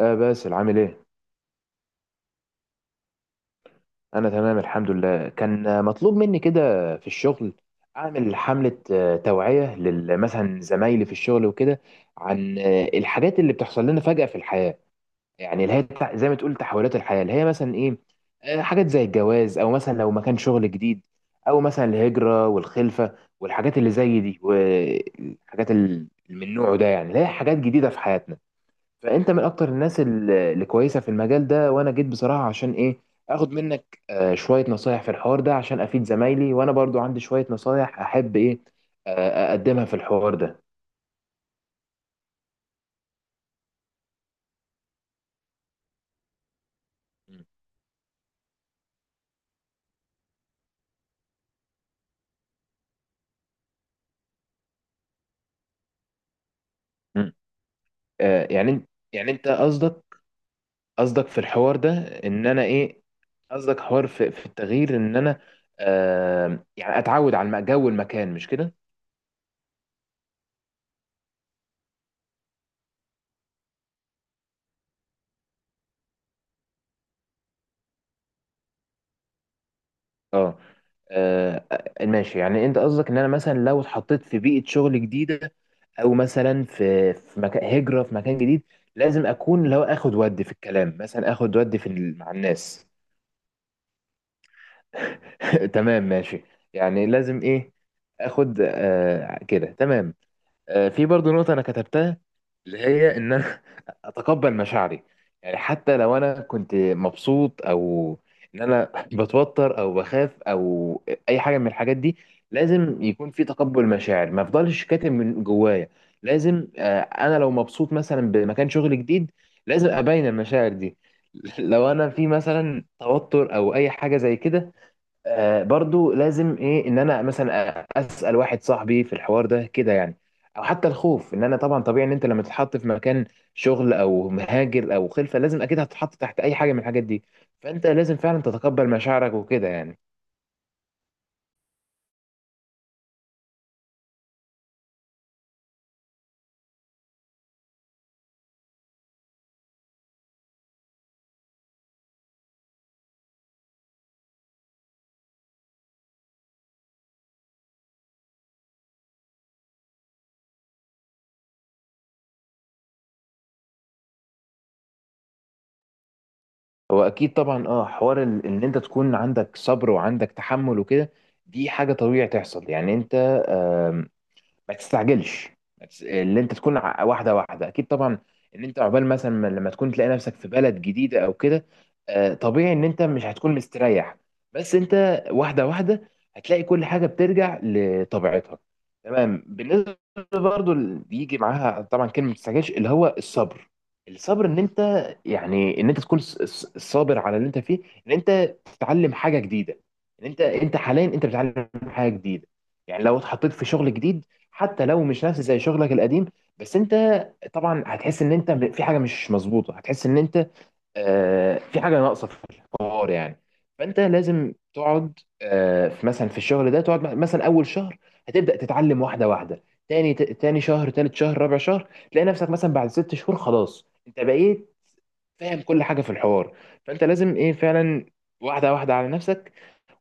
باسل عامل ايه؟ انا تمام الحمد لله. كان مطلوب مني كده في الشغل، اعمل حملة توعية مثلا زمايلي في الشغل وكده، عن الحاجات اللي بتحصل لنا فجأة في الحياة. يعني اللي هي زي ما تقول تحولات الحياة اللي هي مثلا ايه. حاجات زي الجواز او مثلا لو مكان شغل جديد، او مثلا الهجرة والخلفة والحاجات اللي زي دي والحاجات اللي من نوعه ده، يعني اللي هي حاجات جديدة في حياتنا. فانت من اكتر الناس اللي كويسه في المجال ده، وانا جيت بصراحه عشان ايه اخد منك شويه نصايح في الحوار ده عشان افيد زمايلي، وانا برضو عندي شويه نصايح احب ايه اقدمها في الحوار ده. مم. مم. يعني يعني انت قصدك، قصدك في الحوار ده ان انا ايه، قصدك حوار في التغيير ان انا يعني اتعود على جو المكان، مش كده؟ اه. آه، ماشي، يعني انت قصدك ان انا مثلا لو اتحطيت في بيئة شغل جديدة، او مثلا في مكان هجره في مكان جديد، لازم اكون اللي هو اخد ودي في الكلام، مثلا اخد ودي في مع الناس. تمام ماشي. يعني لازم ايه اخد كده، تمام. في برضو نقطة أنا كتبتها اللي هي إن أنا أتقبل مشاعري، يعني حتى لو أنا كنت مبسوط أو إن أنا بتوتر أو بخاف أو أي حاجة من الحاجات دي، لازم يكون في تقبل مشاعر، ما أفضلش كاتم من جوايا. لازم أنا لو مبسوط مثلا بمكان شغل جديد، لازم أبين المشاعر دي. لو أنا في مثلا توتر أو أي حاجة زي كده، برضو لازم ايه ان انا مثلا اسال واحد صاحبي في الحوار ده كده يعني، او حتى الخوف. ان انا طبعا طبيعي ان انت لما تتحط في مكان شغل او مهاجر او خلفه، لازم اكيد هتتحط تحت اي حاجه من الحاجات دي، فانت لازم فعلا تتقبل مشاعرك وكده يعني. هو اكيد طبعا. اه حوار ان انت تكون عندك صبر وعندك تحمل وكده، دي حاجه طبيعي تحصل، يعني انت ما تستعجلش. ما تس- اللي انت تكون واحده واحده، اكيد طبعا. ان انت عقبال مثلا لما تكون تلاقي نفسك في بلد جديده او كده، طبيعي ان انت مش هتكون مستريح، بس انت واحده واحده هتلاقي كل حاجه بترجع لطبيعتها. تمام، بالنسبه برضو اللي بيجي معاها طبعا كلمه ما تستعجلش اللي هو الصبر. الصبر ان انت، يعني ان انت تكون صابر على اللي انت فيه، ان انت تتعلم حاجه جديده. ان انت حاليا انت بتتعلم حاجه جديده. يعني لو اتحطيت في شغل جديد، حتى لو مش نفس زي شغلك القديم، بس انت طبعا هتحس ان انت في حاجه مش مظبوطه، هتحس ان انت في حاجه ناقصه في الحوار يعني. فانت لازم تقعد مثلا في الشغل ده تقعد مثلا اول شهر، هتبدا تتعلم واحده واحده. تاني شهر تالت شهر رابع شهر تلاقي نفسك مثلا بعد ست شهور، خلاص انت بقيت فاهم كل حاجه في الحوار. فانت لازم ايه فعلا واحده واحده على نفسك،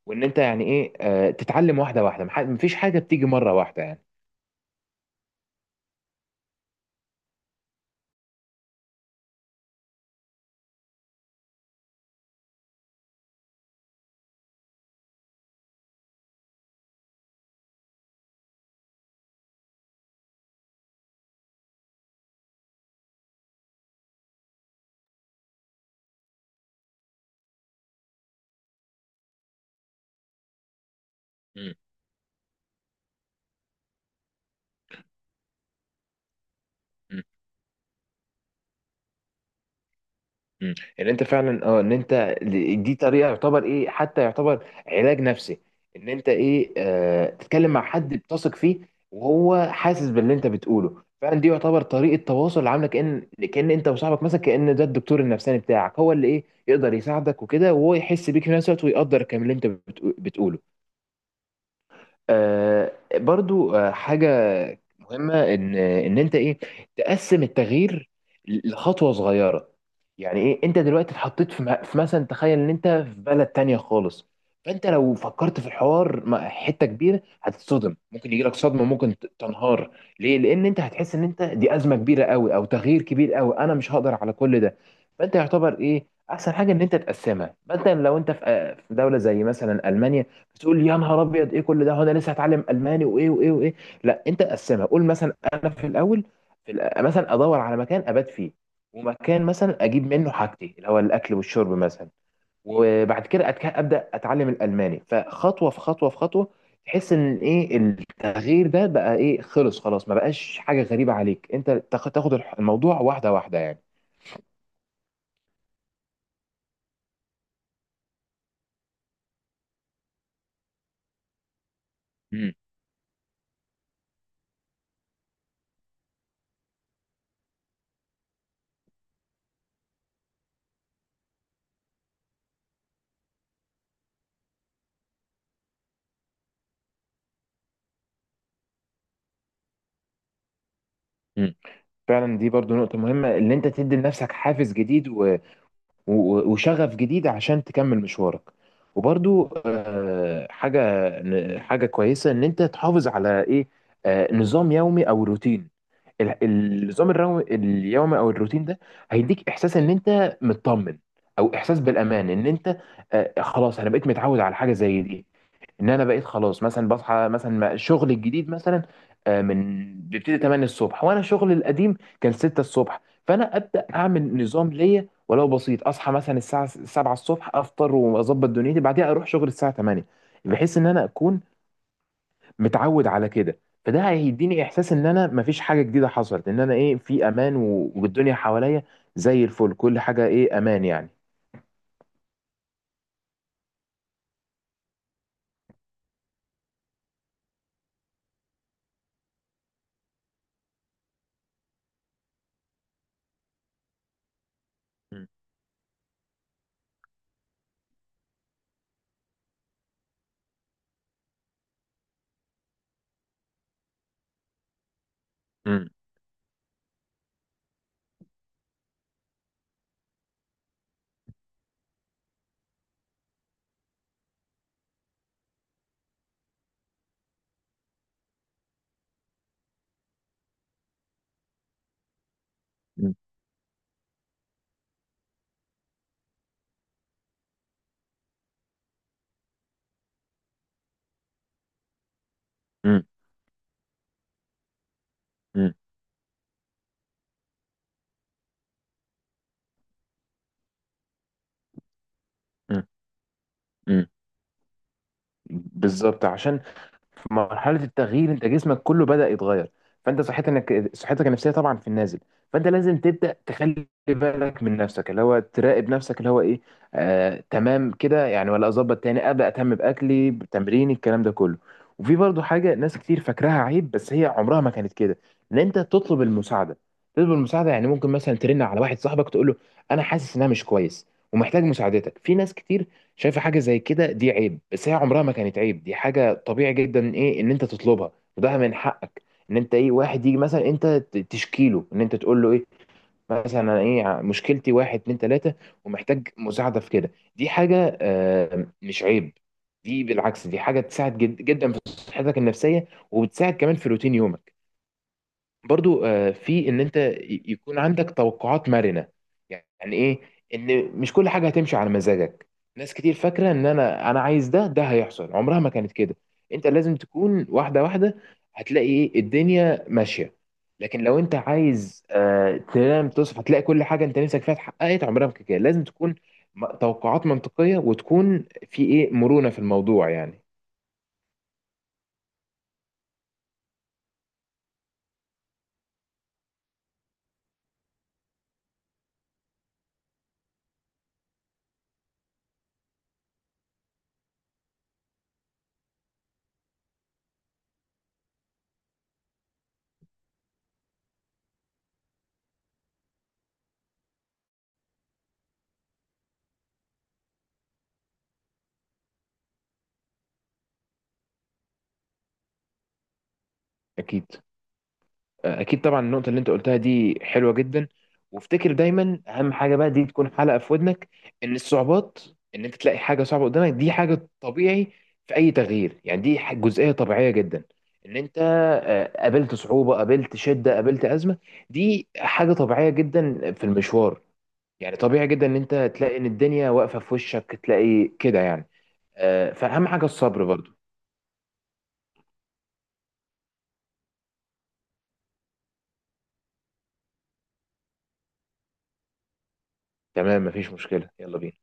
وان انت يعني ايه تتعلم واحده واحده، مفيش حاجه بتيجي مره واحده يعني. مم. مم. ان انت فعلا ان انت دي طريقه يعتبر ايه، حتى يعتبر علاج نفسي، ان انت ايه تتكلم مع حد بتثق فيه وهو حاسس باللي انت بتقوله فعلا. دي يعتبر طريقه تواصل عامله كأن كأن انت وصاحبك مثلا، كأن ده الدكتور النفساني بتاعك، هو اللي ايه يقدر يساعدك وكده، وهو يحس بيك في نفس الوقت، ويقدر كمان اللي انت بتقوله. برضو حاجة مهمة إن أنت إيه تقسم التغيير لخطوة صغيرة. يعني إيه، أنت دلوقتي اتحطيت في في مثلا، تخيل إن أنت في بلد تانية خالص، فأنت لو فكرت في الحوار مع حتة كبيرة هتتصدم، ممكن يجيلك صدمة، ممكن تنهار. ليه؟ لأن أنت هتحس إن أنت دي أزمة كبيرة قوي أو تغيير كبير قوي، أنا مش هقدر على كل ده. فأنت يعتبر إيه أحسن حاجة، إن أنت تقسمها. مثلا لو أنت في دولة زي مثلا ألمانيا، تقول يا نهار ابيض ايه كل ده، هو انا لسه هتعلم الماني وايه وايه وايه. لا انت قسمها، قول مثلا انا في الاول، مثلا ادور على مكان ابات فيه، ومكان مثلا اجيب منه حاجتي اللي هو الاكل والشرب مثلا. وبعد كده ابدا اتعلم الالماني، فخطوه في خطوه في خطوه تحس ان ايه التغيير ده بقى ايه، خلاص ما بقاش حاجه غريبه عليك، انت تاخد الموضوع واحده واحده يعني. مم. مم. فعلا دي برضو نقطه مهمه، ان انت تدي لنفسك حافز جديد و- وشغف جديد عشان تكمل مشوارك. وبرضو حاجة كويسة إن أنت تحافظ على إيه نظام يومي أو روتين. النظام اليومي أو الروتين ده هيديك إحساس إن أنت مطمن، أو إحساس بالأمان إن أنت خلاص أنا بقيت متعود على حاجة زي دي. ان انا بقيت خلاص مثلا بصحى مثلا، الشغل الجديد مثلا من بيبتدي 8 الصبح، وانا شغل القديم كان 6 الصبح. فانا ابدا اعمل نظام ليا ولو بسيط، اصحى مثلا الساعه 7 الصبح، افطر واظبط دنيتي، بعدها اروح شغل الساعه 8، بحيث ان انا اكون متعود على كده. فده هيديني احساس ان انا مفيش حاجه جديده حصلت، ان انا ايه في امان، والدنيا حواليا زي الفل، كل حاجه ايه امان يعني. مم. مم. مم. مم. مم. مم. بالظبط، عشان في مرحله التغيير انت جسمك كله بدا يتغير، فانت صحتك، انك صحتك النفسيه طبعا في النازل. فانت لازم تبدا تخلي بالك من نفسك، اللي هو تراقب نفسك، اللي هو ايه تمام كده يعني، ولا اظبط تاني ابدا اهتم باكلي بتمريني الكلام ده كله. وفي برضو حاجه ناس كتير فاكراها عيب، بس هي عمرها ما كانت كده، ان انت تطلب المساعده. تطلب المساعده يعني ممكن مثلا ترن على واحد صاحبك تقول له انا حاسس ان انا مش كويس ومحتاج مساعدتك. في ناس كتير شايفه حاجه زي كده دي عيب، بس هي عمرها ما كانت عيب، دي حاجه طبيعي جدا ايه ان انت تطلبها وده من حقك. ان انت ايه واحد يجي مثلا انت تشكي له، ان انت تقول له ايه مثلا أنا ايه مشكلتي واحد اتنين تلاته، ومحتاج مساعده في كده. دي حاجه مش عيب، دي بالعكس دي حاجه تساعد جد جدا في صحتك النفسيه، وبتساعد كمان في روتين يومك. برضو في ان انت يكون عندك توقعات مرنه. يعني ايه؟ ان مش كل حاجه هتمشي على مزاجك. ناس كتير فاكره ان انا عايز ده ده هيحصل، عمرها ما كانت كده. انت لازم تكون واحده واحده، هتلاقي ايه الدنيا ماشيه. لكن لو انت عايز تنام تصحى هتلاقي كل حاجه انت نفسك فيها اتحققت، عمرها ما كانت كده. لازم تكون توقعات منطقيه وتكون في ايه مرونه في الموضوع يعني. اكيد اكيد طبعا، النقطه اللي انت قلتها دي حلوه جدا. وافتكر دايما اهم حاجه بقى، دي تكون حلقه في ودنك، ان الصعوبات، ان انت تلاقي حاجه صعبه قدامك دي حاجه طبيعي في اي تغيير، يعني دي جزئيه طبيعيه جدا ان انت قابلت صعوبه قابلت شده قابلت ازمه، دي حاجه طبيعيه جدا في المشوار. يعني طبيعي جدا ان انت تلاقي ان الدنيا واقفه في وشك، تلاقي كده يعني. فاهم حاجه الصبر برضو. تمام مفيش مشكله، يلا بينا.